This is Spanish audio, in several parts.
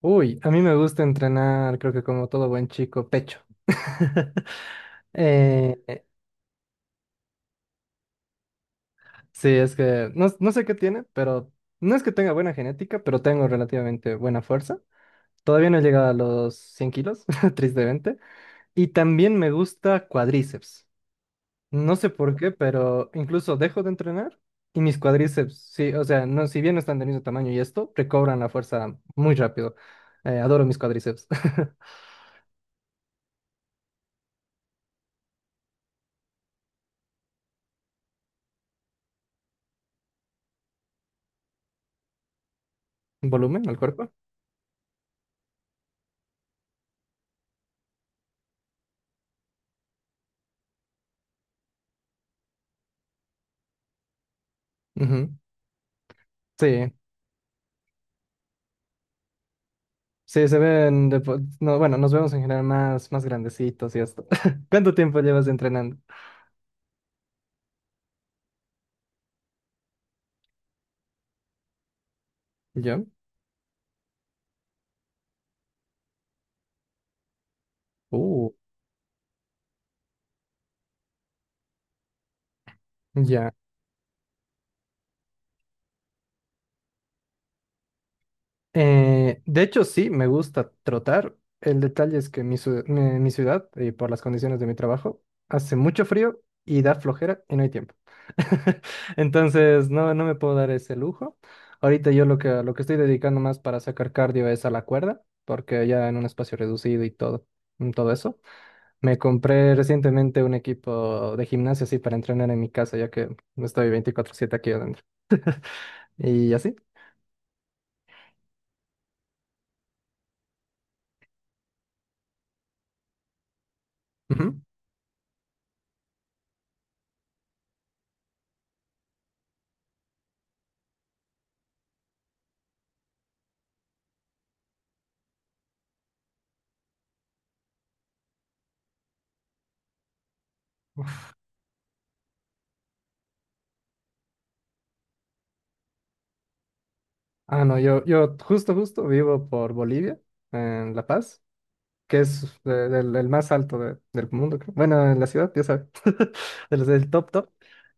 Uy, a mí me gusta entrenar, creo que como todo buen chico, pecho. Eh, sí, es que no, no sé qué tiene, pero no es que tenga buena genética, pero tengo relativamente buena fuerza. Todavía no he llegado a los 100 kilos, tristemente. Y también me gusta cuádriceps. No sé por qué, pero incluso dejo de entrenar y mis cuádriceps, sí, o sea, no, si bien no están del mismo tamaño y esto, recobran la fuerza muy rápido. Adoro mis cuádriceps. Volumen al cuerpo. Ujú, sí. Sí, se ven, no, bueno, nos vemos en general más grandecitos y esto. ¿Cuánto tiempo llevas entrenando? ¿Yo? Uh, ya. De hecho, sí, me gusta trotar. El detalle es que mi ciudad, y por las condiciones de mi trabajo, hace mucho frío y da flojera y no hay tiempo. Entonces, no, no me puedo dar ese lujo. Ahorita yo lo que estoy dedicando más para sacar cardio es a la cuerda, porque ya en un espacio reducido y todo, todo eso. Me compré recientemente un equipo de gimnasio así para entrenar en mi casa, ya que estoy 24/7 aquí adentro. Y así. Ujú. Ah, no, yo justo vivo por Bolivia, en La Paz, que es el más alto del mundo, creo. Bueno, en la ciudad, ya sabes, de los del top top.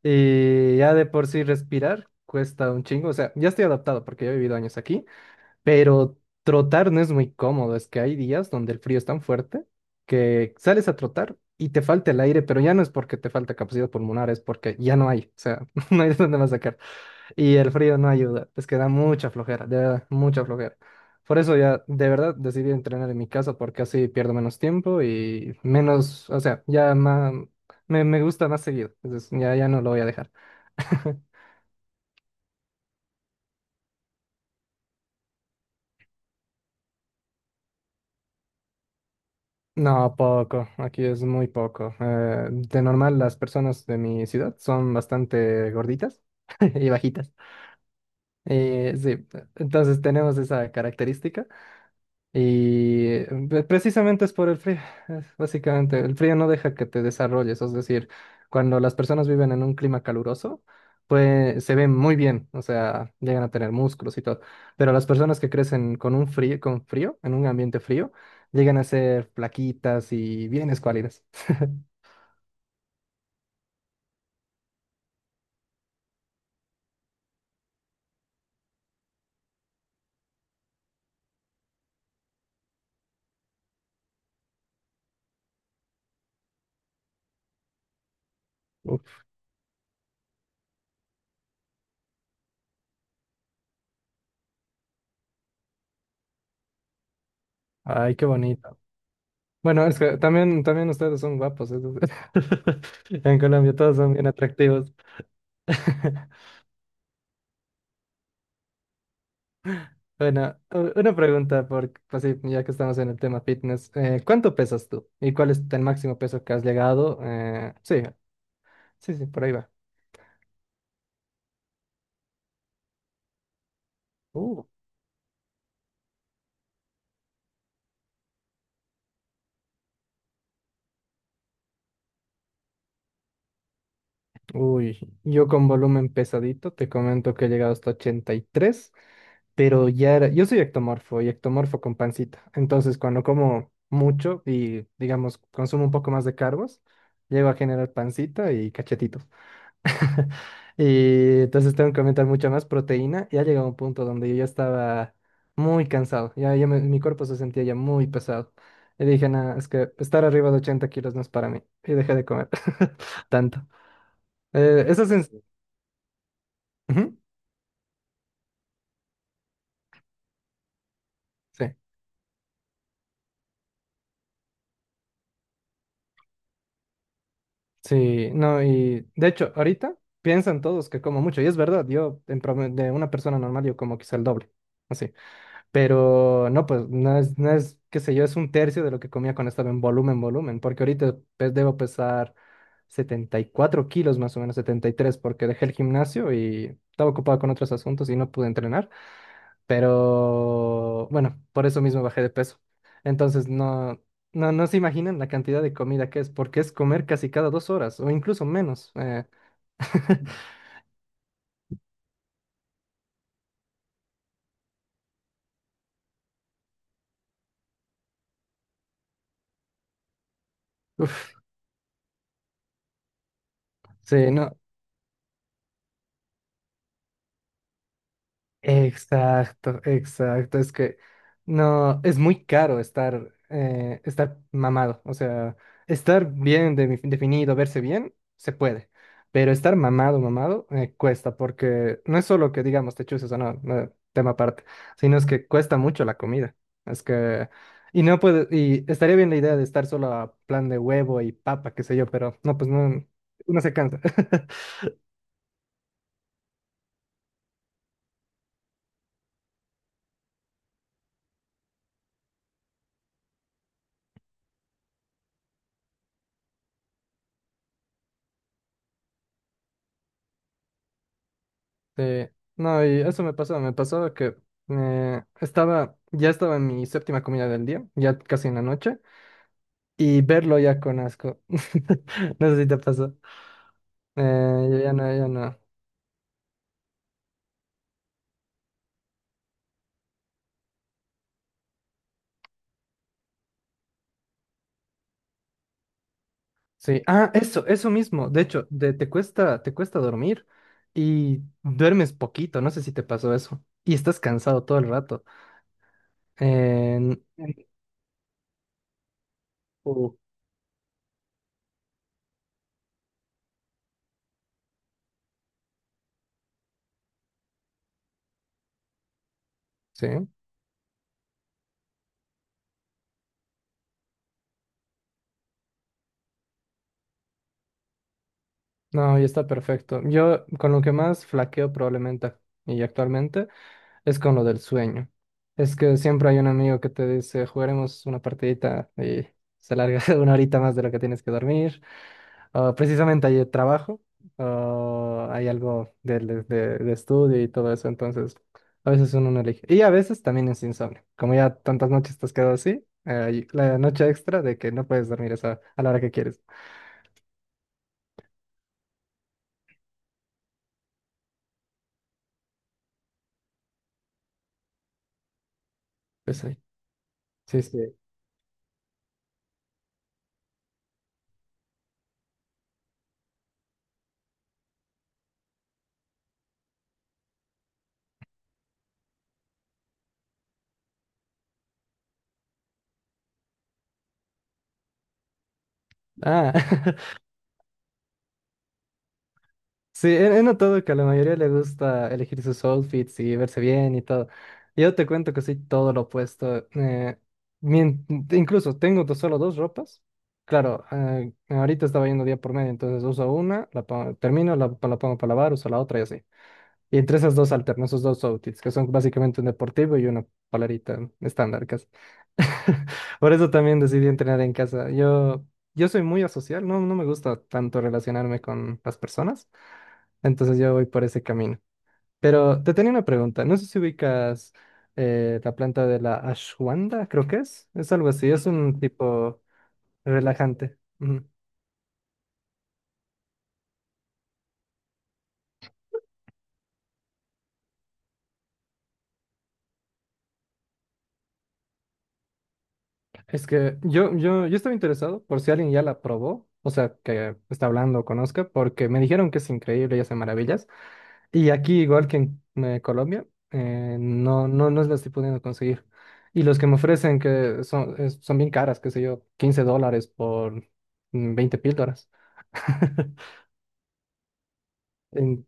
Y ya de por sí respirar cuesta un chingo. O sea, ya estoy adaptado porque yo he vivido años aquí. Pero trotar no es muy cómodo, es que hay días donde el frío es tan fuerte que sales a trotar y te falta el aire, pero ya no es porque te falta capacidad pulmonar, es porque ya no hay, o sea, no hay de dónde más sacar. Y el frío no ayuda, es que da mucha flojera, de verdad, mucha flojera. Por eso ya de verdad decidí entrenar en mi casa porque así pierdo menos tiempo y menos, o sea, ya más, me gusta más seguido, entonces ya, ya no lo voy a dejar. No, poco. Aquí es muy poco. De normal, las personas de mi ciudad son bastante gorditas y bajitas. Sí, entonces tenemos esa característica. Y precisamente es por el frío, es básicamente, el frío no deja que te desarrolles, es decir, cuando las personas viven en un clima caluroso, pues se ven muy bien, o sea, llegan a tener músculos y todo, pero las personas que crecen con un frío, con frío, en un ambiente frío, llegan a ser flaquitas y bien escuálidas. Uf, ay, qué bonito. Bueno, es que también ustedes son guapos, en Colombia todos son bien atractivos. Bueno, una pregunta, pues sí, ya que estamos en el tema fitness, ¿cuánto pesas tú? ¿Y cuál es el máximo peso que has llegado? Sí, sí, sí, por ahí va. Uh, Uy, yo con volumen pesadito te comento que he llegado hasta 83, pero ya era, yo soy ectomorfo y ectomorfo con pancita, entonces cuando como mucho y digamos consumo un poco más de carbos, llego a generar pancita y cachetito. Y entonces tengo que aumentar mucha más proteína. Y ha llegado un punto donde yo ya estaba muy cansado. Ya, ya mi cuerpo se sentía ya muy pesado. Y dije, nada, es que estar arriba de 80 kilos no es para mí. Y dejé de comer tanto. Eso es... Ujú, sí, sí, no, y de hecho, ahorita piensan todos que como mucho. Y es verdad, yo en promedio de una persona normal yo como quizá el doble. Así. Pero no, pues no es, qué sé yo, es un tercio de lo que comía cuando estaba en volumen, volumen, porque ahorita pues, debo pesar 74 kilos más o menos, 73, porque dejé el gimnasio y estaba ocupado con otros asuntos y no pude entrenar, pero bueno, por eso mismo bajé de peso. Entonces no, no, no se imaginan la cantidad de comida que es, porque es comer casi cada 2 horas o incluso menos. Uf, sí, no. Exacto, exacto. Es que no, es muy caro estar mamado. O sea, estar bien definido, verse bien, se puede. Pero estar mamado, mamado, cuesta, porque no es solo que digamos te chuses o no, no, tema aparte, sino es que cuesta mucho la comida. Es que, y no puede, y estaría bien la idea de estar solo a plan de huevo y papa, qué sé yo, pero no, pues no, uno se cansa. Sí, no, y eso me pasó que ya estaba en mi séptima comida del día, ya casi en la noche, y verlo ya con asco. No sé si te pasó. Yo ya no, ya no. Sí, ah, eso mismo. De hecho, te cuesta dormir y duermes poquito, no sé si te pasó eso. Y estás cansado todo el rato. En- en- Uh, sí, no, y está perfecto. Yo con lo que más flaqueo probablemente y actualmente es con lo del sueño. Es que siempre hay un amigo que te dice, jugaremos una partidita y se larga una horita más de lo que tienes que dormir. O precisamente hay trabajo, o hay algo de estudio y todo eso. Entonces, a veces uno no elige. Y a veces también es insomnio. Como ya tantas noches te has quedado así, y la noche extra de que no puedes dormir a la hora que quieres. Pues ahí. Sí, sí. Ah. Sí, he notado que a la mayoría le gusta elegir sus outfits y verse bien y todo. Yo te cuento que soy todo lo opuesto. Incluso tengo solo dos ropas. Claro, ahorita estaba yendo día por medio, entonces uso una, termino, la pongo para lavar, uso la otra y así. Y entre esas dos alterno, esos dos outfits, que son básicamente un deportivo y una polerita estándar casi. Por eso también decidí entrenar en casa. Yo soy muy asocial, no, no me gusta tanto relacionarme con las personas. Entonces yo voy por ese camino. Pero te tenía una pregunta. No sé si ubicas la planta de la ashwanda, creo que es. Es algo así, es un tipo relajante. Ujú. Es que yo estaba interesado por si alguien ya la probó, o sea, que está hablando o conozca, porque me dijeron que es increíble y hace maravillas. Y aquí, igual que en Colombia, no, no, no las estoy pudiendo conseguir. Y los que me ofrecen que son, son bien caras, qué sé yo, $15 por 20 píldoras. En-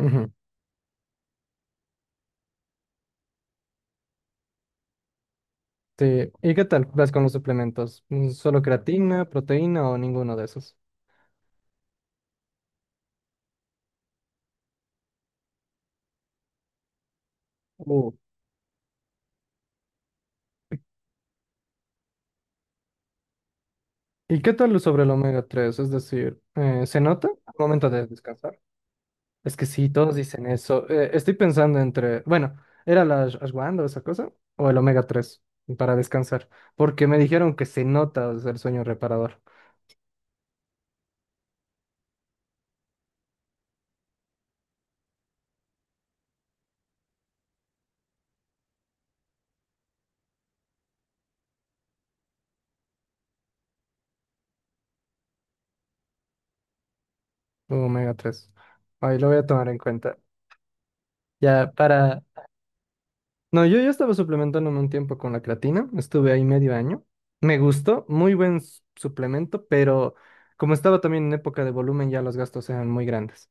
Ujú, sí. ¿Y qué tal vas con los suplementos? ¿Solo creatina, proteína o ninguno de esos? Uh. ¿Y qué tal sobre el omega 3? Es decir, ¿se nota al momento de descansar? Es que sí, todos dicen eso. Estoy pensando entre, bueno, ¿era la ashwagandha o esa cosa? O el omega 3 para descansar. Porque me dijeron que se nota, o sea, el sueño reparador. Omega 3. Ahí lo voy a tomar en cuenta. Ya, para... No, yo ya estaba suplementándome un tiempo con la creatina. Estuve ahí medio año. Me gustó, muy buen suplemento, pero como estaba también en época de volumen, ya los gastos eran muy grandes.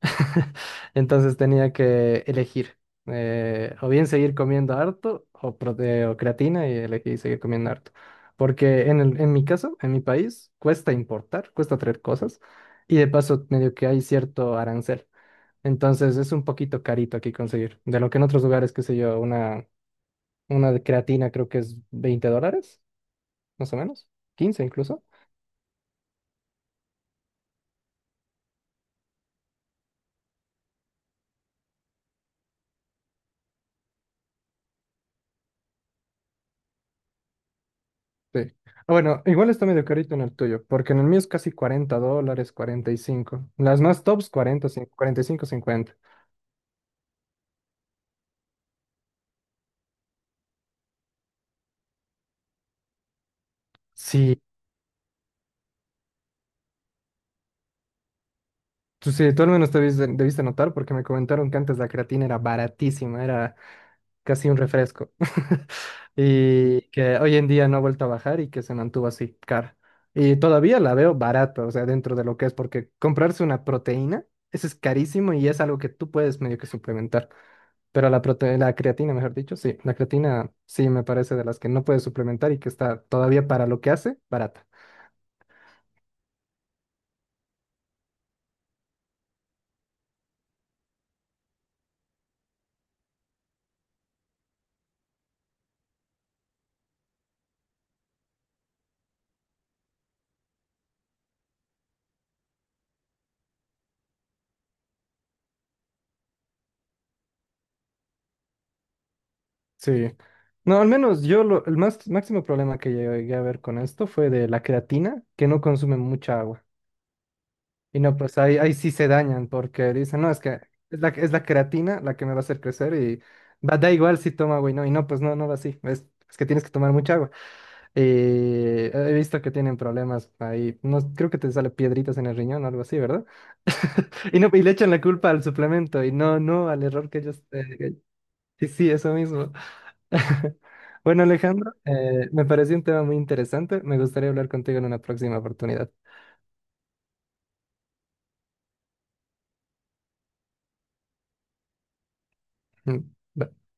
Entonces tenía que elegir o bien seguir comiendo harto o creatina y elegí seguir comiendo harto. Porque en mi caso, en mi país, cuesta importar, cuesta traer cosas y de paso medio que hay cierto arancel. Entonces es un poquito carito aquí conseguir. De lo que en otros lugares, qué sé yo, una de creatina creo que es $20, más o menos, 15 incluso. Sí. Ah, bueno, igual está medio carito en el tuyo, porque en el mío es casi $40, 45. Las más tops, 45, 50. Sí, tú al menos te debiste, notar porque me comentaron que antes la creatina era baratísima, era casi un refresco. Y que hoy en día no ha vuelto a bajar y que se mantuvo así, cara. Y todavía la veo barata, o sea, dentro de lo que es, porque comprarse una proteína, eso es carísimo y es algo que tú puedes medio que suplementar. Pero la creatina, mejor dicho, sí, la creatina sí me parece de las que no puedes suplementar y que está todavía para lo que hace, barata. Sí. No, al menos el máximo problema que llegué a ver con esto fue de la creatina, que no consume mucha agua. Y no, pues ahí sí se dañan porque dicen, no, es que es la creatina la que me va a hacer crecer y va, da igual si toma agua y no, pues no, no va así. Es que tienes que tomar mucha agua. Y he visto que tienen problemas ahí. No, creo que te sale piedritas en el riñón o algo así, ¿verdad? No, y le echan la culpa al suplemento y no, no al error que ellos... Sí, sí, eso mismo. Bueno, Alejandro, me pareció un tema muy interesante. Me gustaría hablar contigo en una próxima oportunidad. Mm, bye.